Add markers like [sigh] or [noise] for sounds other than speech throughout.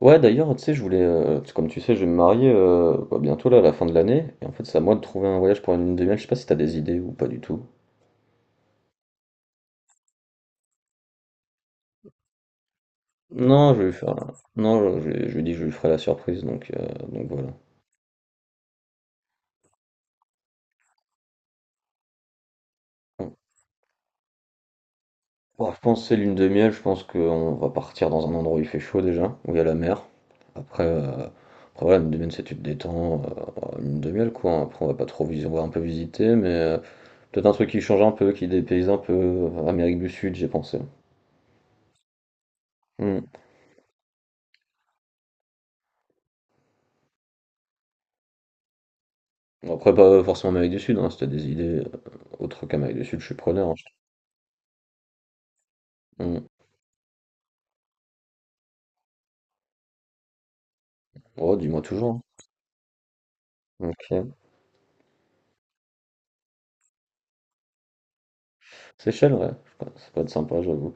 Ouais, d'ailleurs, tu sais, je voulais, parce que comme tu sais, je vais me marier, bah, bientôt là, à la fin de l'année, et en fait, c'est à moi de trouver un voyage pour une lune de miel. Je sais pas si t'as des idées ou pas du tout. Non, je vais lui faire, non, je lui dis que je lui ferai la surprise, donc voilà. Bon. Bon, je pense que c'est lune de miel. Je pense qu'on va partir dans un endroit où il fait chaud déjà, où il y a la mer. Après, euh, après voilà, une demi-heure, c'est tu te détends, une demi-heure, quoi. Hein. Après, on va pas trop visiter, on va un peu visiter, mais peut-être un truc qui change un peu, qui dépayse un peu. Amérique du Sud, j'ai pensé. Hmm. Bon, après, pas forcément Amérique du Sud, hein, si t'as des idées, autres qu'Amérique du Sud, je suis preneur, hein, je. Oh, dis-moi toujours, hein. OK. Seychelles, ouais, ouais, ça peut être sympa, j'avoue.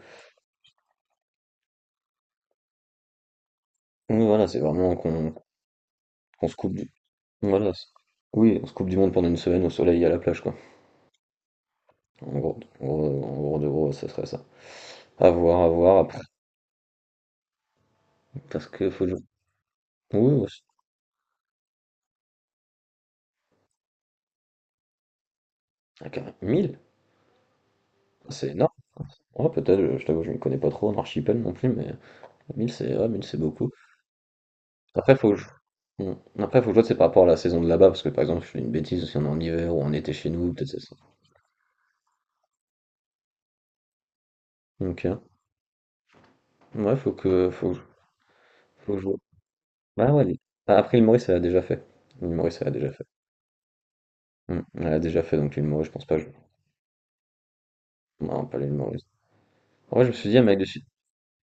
Oui, voilà, c'est vraiment qu'on se coupe du voilà, c oui, on se coupe du monde pendant une semaine au soleil et à la plage, quoi. En gros, ça serait ça. À voir après, parce que faut que oui, aussi. Ah, carré 1. C'est énorme. Ouais, peut-être, je t'avoue, je m'y connais pas trop en archipel non plus, mais 1000, c'est ouais, 1, c'est beaucoup. Après, faut que je... Mmh. Après, faut que je vois, c'est par rapport à la saison de là-bas, parce que par exemple, je fais une bêtise, si on est en hiver ou en été chez nous, peut-être c'est ça. Ok. Ouais, faut que je vois. Ah ouais, ah, après l'île Maurice, elle a déjà fait. L'île Maurice, elle a déjà fait. Hmm, elle a déjà fait, donc l'île Maurice, je pense pas. Non, pas l'île Maurice. En vrai, je me suis dit, Amérique du Sud.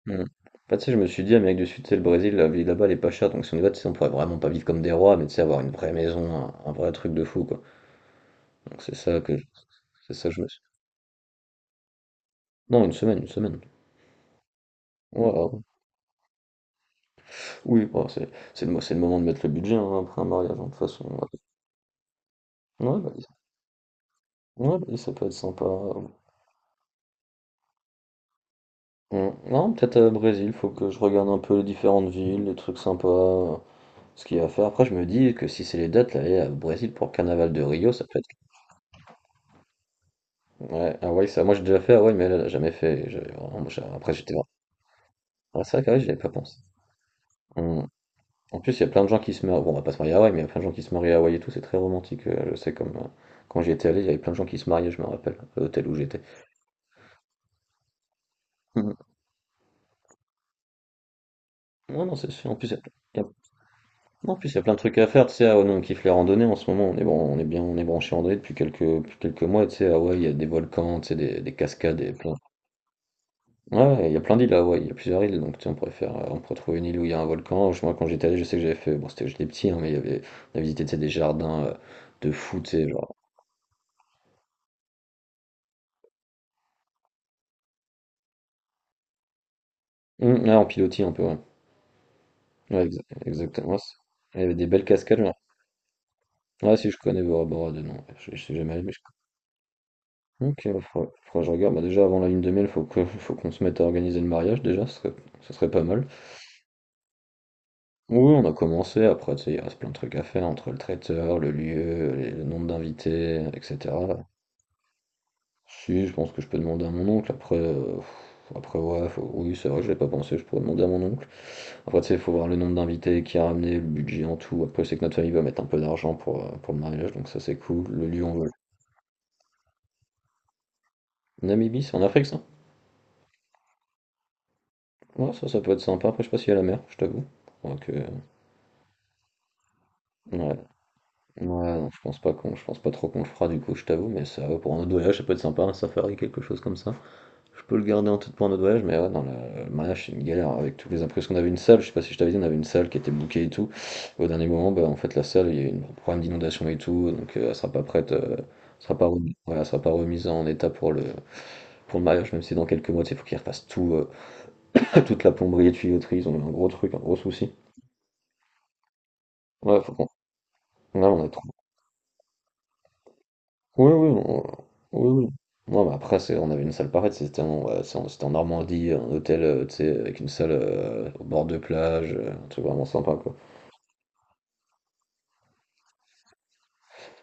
Hmm. En fait, tu sais, je me suis dit, Amérique du Sud, c'est le Brésil, la vie là-bas, elle est pas chère, donc si on y va, tu sais, on pourrait vraiment pas vivre comme des rois, mais tu sais, avoir une vraie maison, un vrai truc de fou, quoi. Donc c'est ça que je me suis. Non, une semaine, une semaine. Ouais, oui, bah, c'est le moment de mettre le budget, hein, après un mariage, hein, de toute façon. Ouais, ouais, Bali, ouais, Bali, ça peut être sympa. Mmh. Non, peut-être Brésil, faut que je regarde un peu les différentes villes, les trucs sympas, ce qu'il y a à faire. Après, je me dis que si c'est les dates, là, aller à Brésil pour le carnaval de Rio, ça peut être... Ouais, Hawaï, ça, moi j'ai déjà fait Hawaï, mais elle a jamais fait. Après, j'étais... Ah, c'est vrai que j'y avais pas pensé. Mmh. En plus, il y a plein de gens qui se marient... Bon, on va pas se marier à Hawaï, mais il y a plein de gens qui se marient à Hawaï et tout, c'est très romantique, je sais, comme... Quand j'y étais allé, il y avait plein de gens qui se mariaient, je me rappelle, à l'hôtel où j'étais. [laughs] Ouais, non, c'est sûr. En plus, il y a, y a- en plus, y a plein de trucs à faire. Tu sais, ah ouais, nous, on kiffe les randonnées en ce moment. On est, bon, on est bien, on est branché randonnée depuis quelques mois. Tu sais, ah ouais, il y a des volcans, tu sais, des cascades, et plein. Ouais, il y a plein d'îles là, ouais. Il y a plusieurs îles. Donc, tu sais, on pourrait trouver une île où il y a un volcan. Moi, quand j'étais allé, je sais que j'avais fait, bon, c'était, j'étais petit, hein, mais il y avait, on a visité, tu sais, des jardins, de fou, tu sais, genre. Ouais, en pilotis un peu, ouais. Ouais, exactement. Ouais, il y avait des belles cascades, genre. Ouais, si, je connais Bora Bora de nom. Ouais. Je suis jamais allé, mais je... Ok, bah, faudra que je regarde. Bah, déjà avant la lune de miel, faut qu'on se mette à organiser le mariage déjà, ce serait pas mal. Oui, on a commencé, après tu sais, il reste plein de trucs à faire entre le traiteur, le lieu, le nombre d'invités, etc. Si, je pense que je peux demander à mon oncle, après ouais, oui, c'est vrai que je l'ai pas pensé, je pourrais demander à mon oncle. Après tu sais, il faut voir le nombre d'invités qui a ramené, le budget en tout. Après, c'est que notre famille va mettre un peu d'argent pour le mariage, donc ça, c'est cool. Le lieu, on veut. Namibie, c'est en Afrique, ça? Ouais, ça peut être sympa, après je sais pas s'il y a la mer, je t'avoue. Donc, ouais. Ouais, non, je pense pas trop qu'on le fera du coup, je t'avoue, mais ça, ouais, pour un autre voyage, ça peut être sympa, un safari, quelque chose comme ça. Je peux le garder en tête pour un autre voyage, mais ouais, dans le mariage, c'est une galère avec tous les imprévus. Qu'on avait une salle, je sais pas si je t'avais dit, on avait une salle qui était bouquée et tout. Au dernier moment, bah, en fait, la salle, il y a eu un problème d'inondation et tout, donc elle sera pas prête, elle sera pas remise, ouais, elle sera pas remise en état pour le mariage, même si dans quelques mois, tu sais, faut qu'ils refassent tout, [laughs] toute la plomberie et tuyauterie, ils ont eu un gros truc, un gros souci. Ouais, faut qu'on, ouais, on a trop. Oui, oui, oui, oui. Non, mais après, c'est, on avait une salle pareille, c'était en, ouais, c'était en Normandie, un hôtel, tu sais, avec une salle, au bord de plage, un truc vraiment sympa, quoi.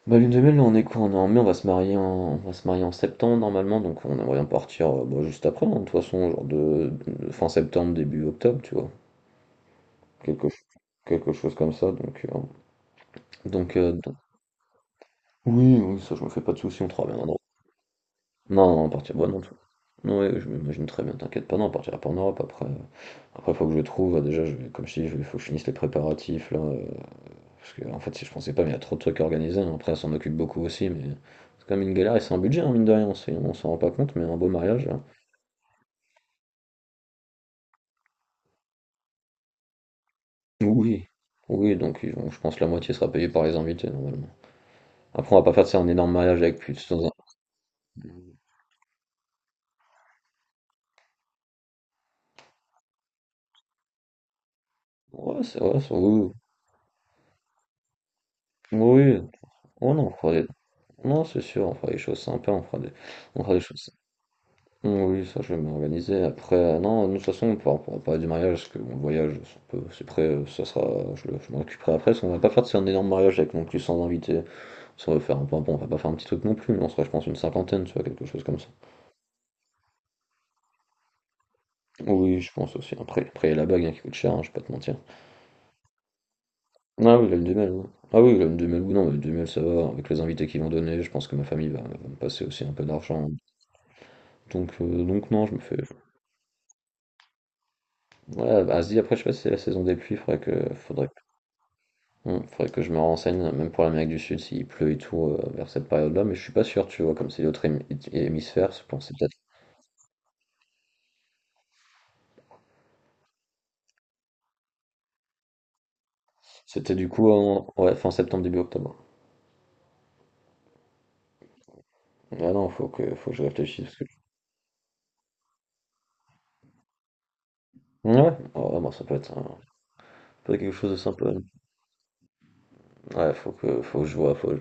Bah, lune de miel, là, on est quoi? On est en mai, on va se marier en, on va se marier en septembre, normalement, donc on aimerait bien partir, bah, juste après, hein, de toute façon, genre de fin septembre, début octobre, tu vois. Quelque, ch- quelque chose comme ça, donc. Oui, oui, ça, je me fais pas de soucis, on travaille bien. Non, non, on partira. Bah non, tout. Non, ouais, je m'imagine très bien, t'inquiète pas, non, on partira pas en Europe après. Après, faut que je trouve, déjà, comme je te dis, il faut que je finisse les préparatifs, là. Parce que, en fait, si je pensais pas, mais il y a trop de trucs à organiser. Hein. Après, on s'en occupe beaucoup aussi, mais c'est quand même une galère et c'est un budget, hein, mine de rien, on s'en rend pas compte, mais un beau mariage, là. Oui. Oui, donc je pense que la moitié sera payée par les invités, normalement. Après, on va pas faire ça un énorme mariage avec plus de... Ouais, c'est vrai, oui. Oui. Oui. Oh non, on fera des... Non, c'est sûr, on fera des choses sympas, on fera des choses... Oui, ça je vais m'organiser. Après, non, nous, de toute façon, on pourra parler du mariage, parce que bon, le voyage, ça peu c'est prêt, ça sera, je m'en occuperai après, parce qu'on va pas faire c'est un énorme mariage avec non plus 100 invités. Ça va faire un peu, bon, on va pas faire un petit truc non plus, mais on sera, je pense, une cinquantaine, tu vois, quelque chose comme ça. Oui, je pense aussi. Après il y a la bague, hein, qui coûte cher, hein, je vais pas te mentir. Ah oui, l'homme de mail, oui. Ah oui, l'homme de mail, oui, non, mais le de mail, ça va, avec les invités qu'ils vont donner, je pense que ma famille va me passer aussi un peu d'argent. Donc non, je me fais. Ouais, bah, Asie, après, je sais pas si c'est la saison des pluies, faudrait. Mmh, faudrait que je me renseigne, même pour l'Amérique du Sud, s'il pleut et tout, vers cette période-là, mais je suis pas sûr, tu vois? Comme c'est l'autre hémisphère, je pense que c'est peut-être c'était du coup en, ouais, fin septembre, début octobre. Ah non, faut que je réfléchisse, parce que ouais. Oh bah, ça peut être un, peut être quelque chose de sympa. Ouais, faut que je vois, faut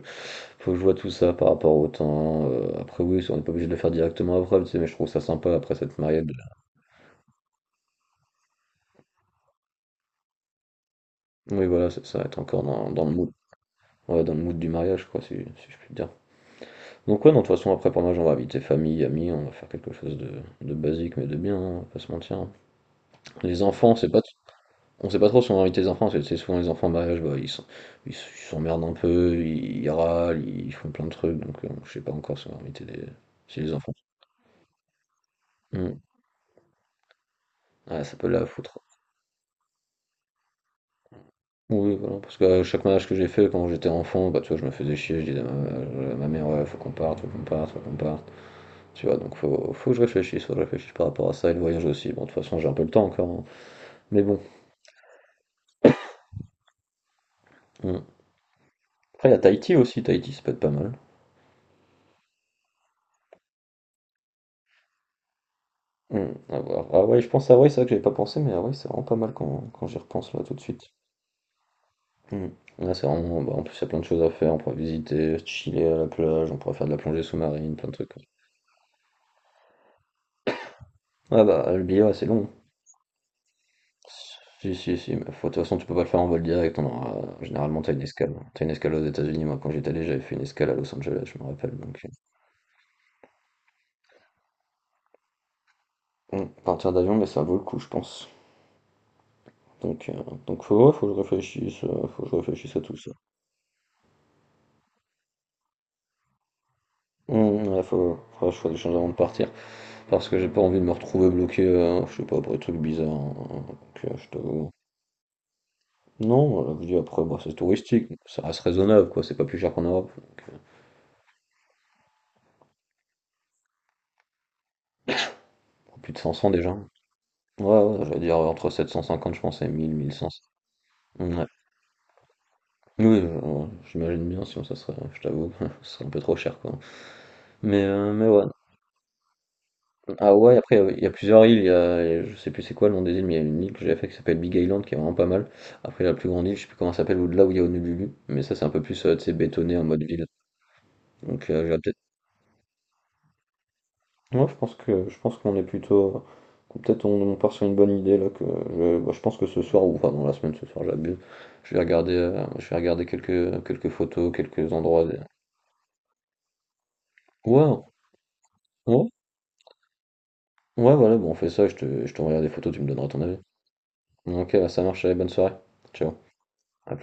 faut que je vois tout ça par rapport au temps, après oui, on n'est pas obligé de le faire directement après, tu sais? Mais je trouve ça sympa après cette marié. Oui, voilà, ça va être encore dans le mood. Ouais, dans le mood du mariage, quoi, si je puis dire. Donc ouais, non, de toute façon, après, pour moi, on va inviter famille, amis, on va faire quelque chose de basique, mais de bien, hein, on va pas se mentir, hein. Les enfants, c'est pas... On sait pas trop si on va inviter les enfants, parce que c'est souvent les enfants en mariage, bah, ils s'emmerdent un peu, ils râlent, ils font plein de trucs, donc je sais pas encore si on va inviter des... si les enfants. Hmm. Ah, ça peut la foutre. Oui, voilà, parce que chaque mariage que j'ai fait quand j'étais enfant, bah, tu vois, je me faisais chier, je disais à ma mère, ouais, faut qu'on parte, faut qu'on parte, faut qu'on parte. Tu vois, donc faut que je réfléchisse, faut que je réfléchisse par rapport à ça, et le voyage aussi. Bon, de toute façon, j'ai un peu le temps encore, hein. Mais bon, mm. Après, il y a Tahiti aussi. Tahiti, ça peut être pas mal. Mm. À voir. Ah ouais, je pense à Hawaï, c'est vrai que j'avais pas pensé, mais Hawaï, c'est vraiment pas mal quand j'y repense là tout de suite. Mm. Là, c'est vraiment. Bah, en plus, il y a plein de choses à faire. On pourra visiter, chiller à la plage, on pourra faire de la plongée sous-marine, plein de trucs. Ah bah, le billet, ouais, c'est long. Si, si, si. Mais faut- de toute façon, tu peux pas le faire en vol direct. On aura... Généralement, t'as une escale. T'as une escale aux États-Unis. Moi, quand j'étais allé, j'avais fait une escale à Los Angeles, je me rappelle. Donc, partir d'avion, mais ça vaut le coup, je pense. Donc, euh, donc faut, ouais, faut que je réfléchisse, faut que je réfléchisse à tout ça. Mmh, là, faut que je change avant de partir. Parce que j'ai pas envie de me retrouver bloqué, je sais pas, pour des trucs bizarres, hein. Donc, je t'avoue. Non, voilà, je dis après, bah, c'est touristique. Ça reste raisonnable, quoi. C'est pas plus cher qu'en Europe. Donc, pour plus de 500 déjà. Ouais, ouais, j'allais dire entre 750 je pense, et 1000 1500. Ouais. Oui, j'imagine bien, sinon ça serait, je t'avoue, [laughs] ce serait un peu trop cher, quoi. Mais ouais. Ah ouais, après, il y a plusieurs îles. Il y a, je sais plus c'est quoi le nom des îles, mais il y a une île que j'ai fait qui s'appelle Big Island, qui est vraiment pas mal. Après, la plus grande île, je sais plus comment elle s'appelle, au-delà où il y a Honolulu. Mais ça, c'est un peu plus tu sais, bétonné en mode ville. Donc, j'irais peut-être. Moi, je pense qu'on est plutôt. Qu'on- peut-être on part sur une bonne idée là. Que, je bah, je pense que ce soir, ou enfin dans la semaine, ce soir, j'abuse. Je vais regarder quelques photos, quelques endroits, des- Ouais, ouais, ouais, voilà, bon, on fait ça. Je t'enverrai des photos, tu me donneras ton avis. Ok, ça marche, allez, bonne soirée. Ciao, à plus.